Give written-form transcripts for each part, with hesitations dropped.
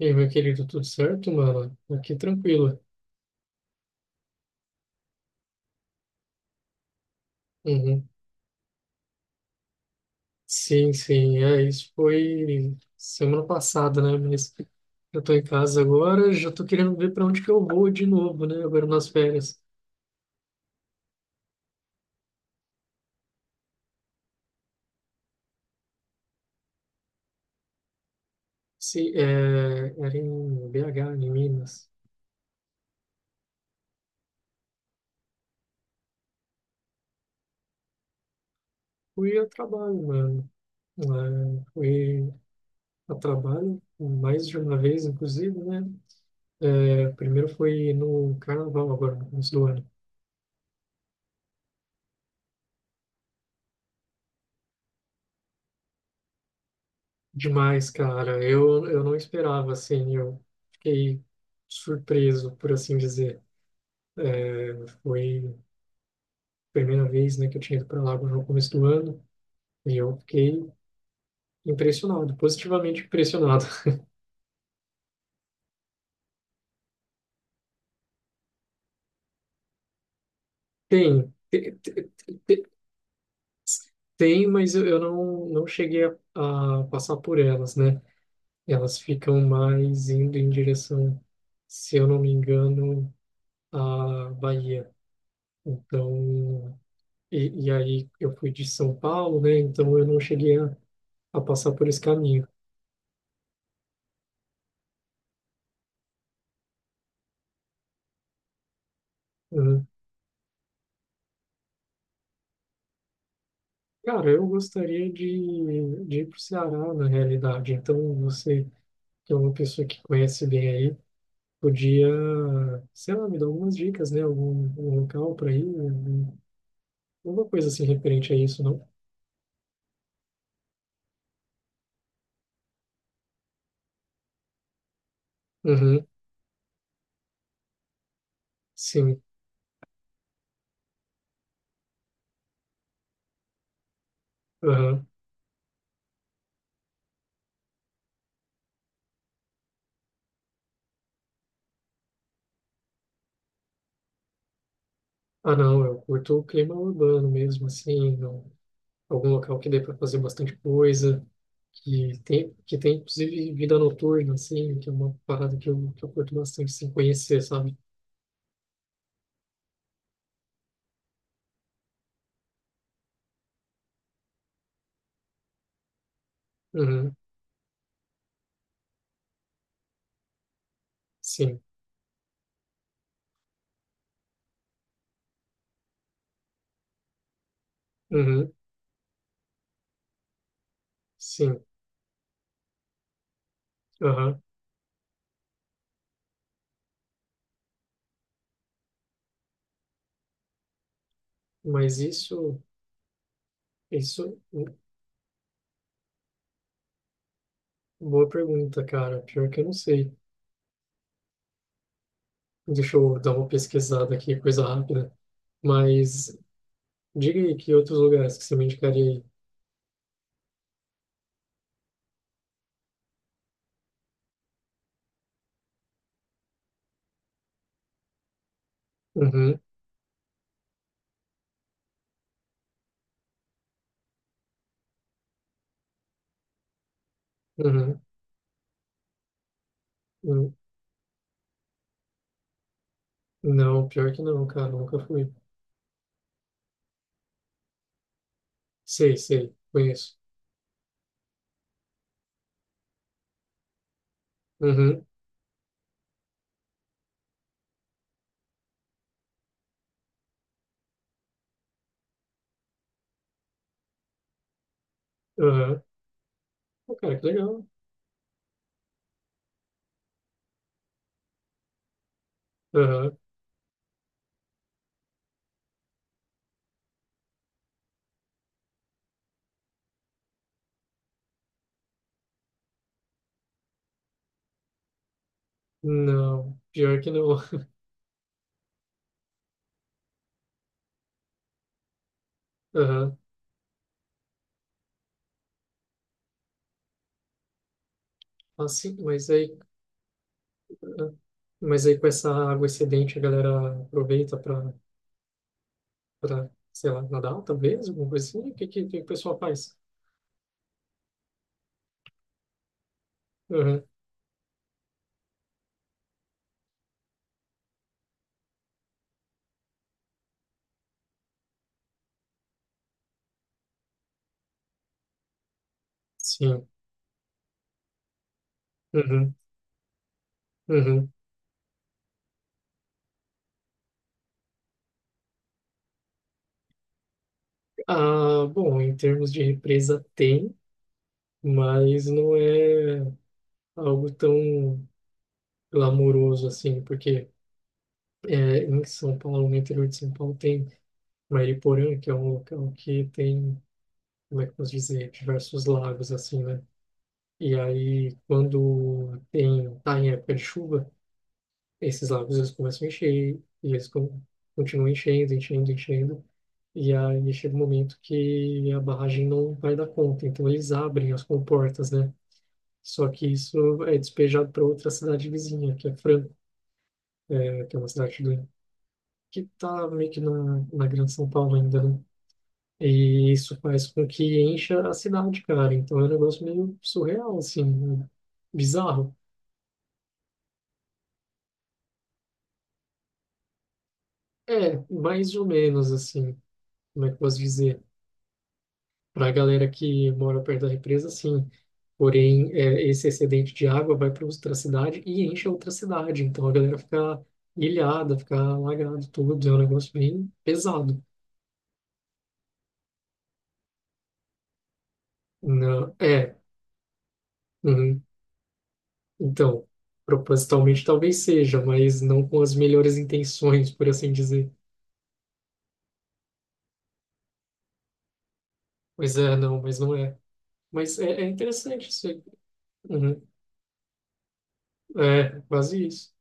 E aí, meu querido, tudo certo, mano? Aqui tranquilo. Uhum. Sim, sim, é, isso foi semana passada, né? Mas eu tô em casa agora, já tô querendo ver para onde que eu vou de novo, né? Agora nas férias. Se, é, era em BH, em Minas. Fui a trabalho, mano. É, fui a trabalho mais de uma vez, inclusive, né? É, primeiro foi no carnaval, agora, no começo do ano. Demais, cara. Eu não esperava, assim, eu fiquei surpreso, por assim dizer. É, foi a primeira vez, né, que eu tinha ido para lá no começo do ano e eu fiquei impressionado, positivamente impressionado. Tem, tem, mas eu não, não cheguei a passar por elas, né? Elas ficam mais indo em direção, se eu não me engano, à Bahia. Então, e aí eu fui de São Paulo, né? Então eu não cheguei a passar por esse caminho. Né? Cara, eu gostaria de ir para o Ceará, na realidade. Então você, que é uma pessoa que conhece bem aí, podia, sei lá, me dar algumas dicas, né? Algum local para ir, alguma coisa assim referente a isso, não? Uhum, sim. Uhum. Ah, não, eu curto o clima urbano mesmo, assim, algum local que dê para fazer bastante coisa. Que tem, que tem inclusive vida noturna, assim, que é uma parada que eu curto bastante, assim, conhecer, sabe? Uhum, sim, uhum, sim, aham. Mas isso, boa pergunta, cara. Pior que eu não sei. Deixa eu dar uma pesquisada aqui, coisa rápida. Mas diga aí que outros lugares que você me indicaria aí. Uhum, uhum, uhum. Não, pior que não, cara, nunca fui. Sei, sei, conheço. Uhum, aham. Pô, cara, que legal. Aham. Não, pior que não. Aham. Assim, mas aí, ah, mas aí com essa água excedente a galera aproveita para, para, sei lá, nadar talvez, alguma coisa assim. O que que o pessoal faz? Aham. Sim. Uhum. Uhum. Ah, bom, em termos de represa tem, mas não é algo tão glamouroso assim, porque é, em São Paulo, no interior de São Paulo, tem Mariporã, que é um local que tem como é que eu posso dizer, diversos lagos assim, né? E aí, quando tem, tá em época de chuva, esses lagos eles começam a encher e eles continuam enchendo, enchendo, enchendo. E aí chega um momento que a barragem não vai dar conta, então eles abrem as comportas, né? Só que isso é despejado para outra cidade vizinha, que é Franco, é, que é uma cidade que tá meio que na, na Grande São Paulo ainda, né? E isso faz com que encha a cidade, cara. Então é um negócio meio surreal, assim, né? Bizarro. É, mais ou menos, assim, como é que eu posso dizer? Para a galera que mora perto da represa, sim. Porém, é, esse excedente de água vai para outra cidade e enche a outra cidade. Então a galera fica ilhada, fica alagada, tudo. É um negócio bem pesado. Não, é, uhum. Então, propositalmente talvez seja, mas não com as melhores intenções, por assim dizer. Pois é, não, mas não é. Mas é, é interessante isso aí. Uhum. É, quase isso.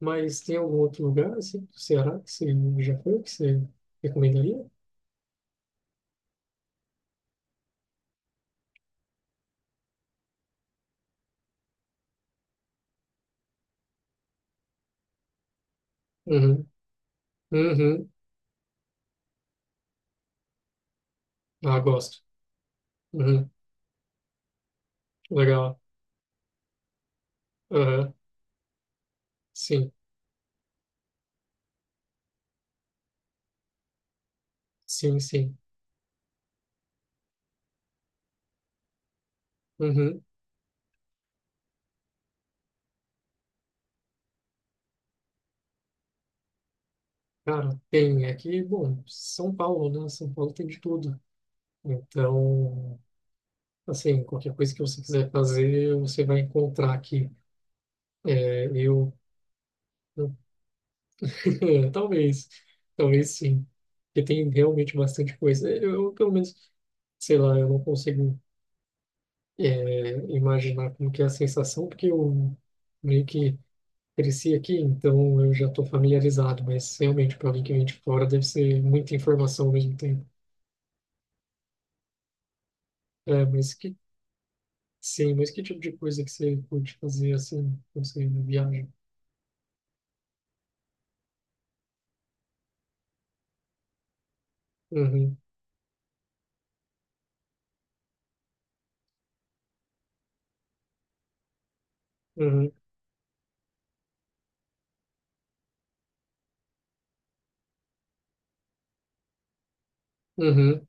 Mas tem algum outro lugar, assim, do Ceará, que você já foi, que você recomendaria? Uhum. Uhum. Ah, gosto. Uhum. Legal. Uhum. Sim, sim, sim. Uhum. Cara, tem aqui, bom, São Paulo, né? São Paulo tem de tudo. Então, assim, qualquer coisa que você quiser fazer, você vai encontrar aqui. É, eu é, talvez, talvez sim. Porque tem realmente bastante coisa. Pelo menos, sei lá, eu não consigo é, imaginar como que é a sensação, porque eu meio que cresci aqui, então eu já estou familiarizado, mas realmente para alguém que vem de fora deve ser muita informação ao mesmo tempo. É, mas que, sim, mas que tipo de coisa que você curte fazer assim, quando você viaja? Uhum, uhum, uhum,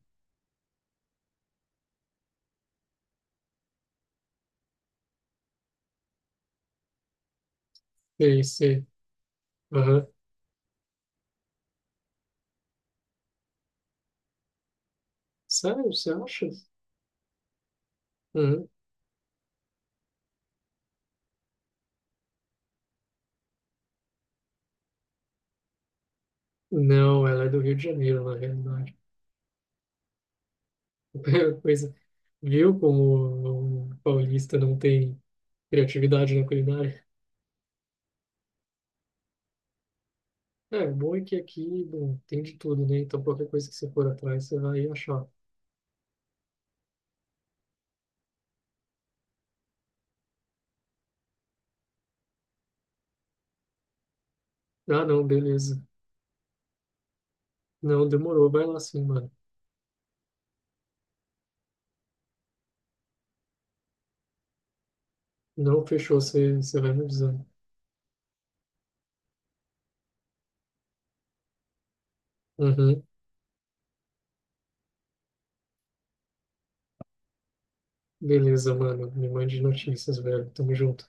sei, sei. Aham. Sério, você acha? Uhum. Não, ela é do Rio de Janeiro, na realidade. Coisa, viu como o paulista não tem criatividade na culinária? É, o bom é que aqui, bom, tem de tudo, né? Então qualquer coisa que você for atrás, você vai achar. Ah, não, beleza. Não, demorou, vai lá sim, mano. Não fechou, você, você vai me avisando. Uhum, beleza, mano. Me mande notícias, velho. Tamo junto.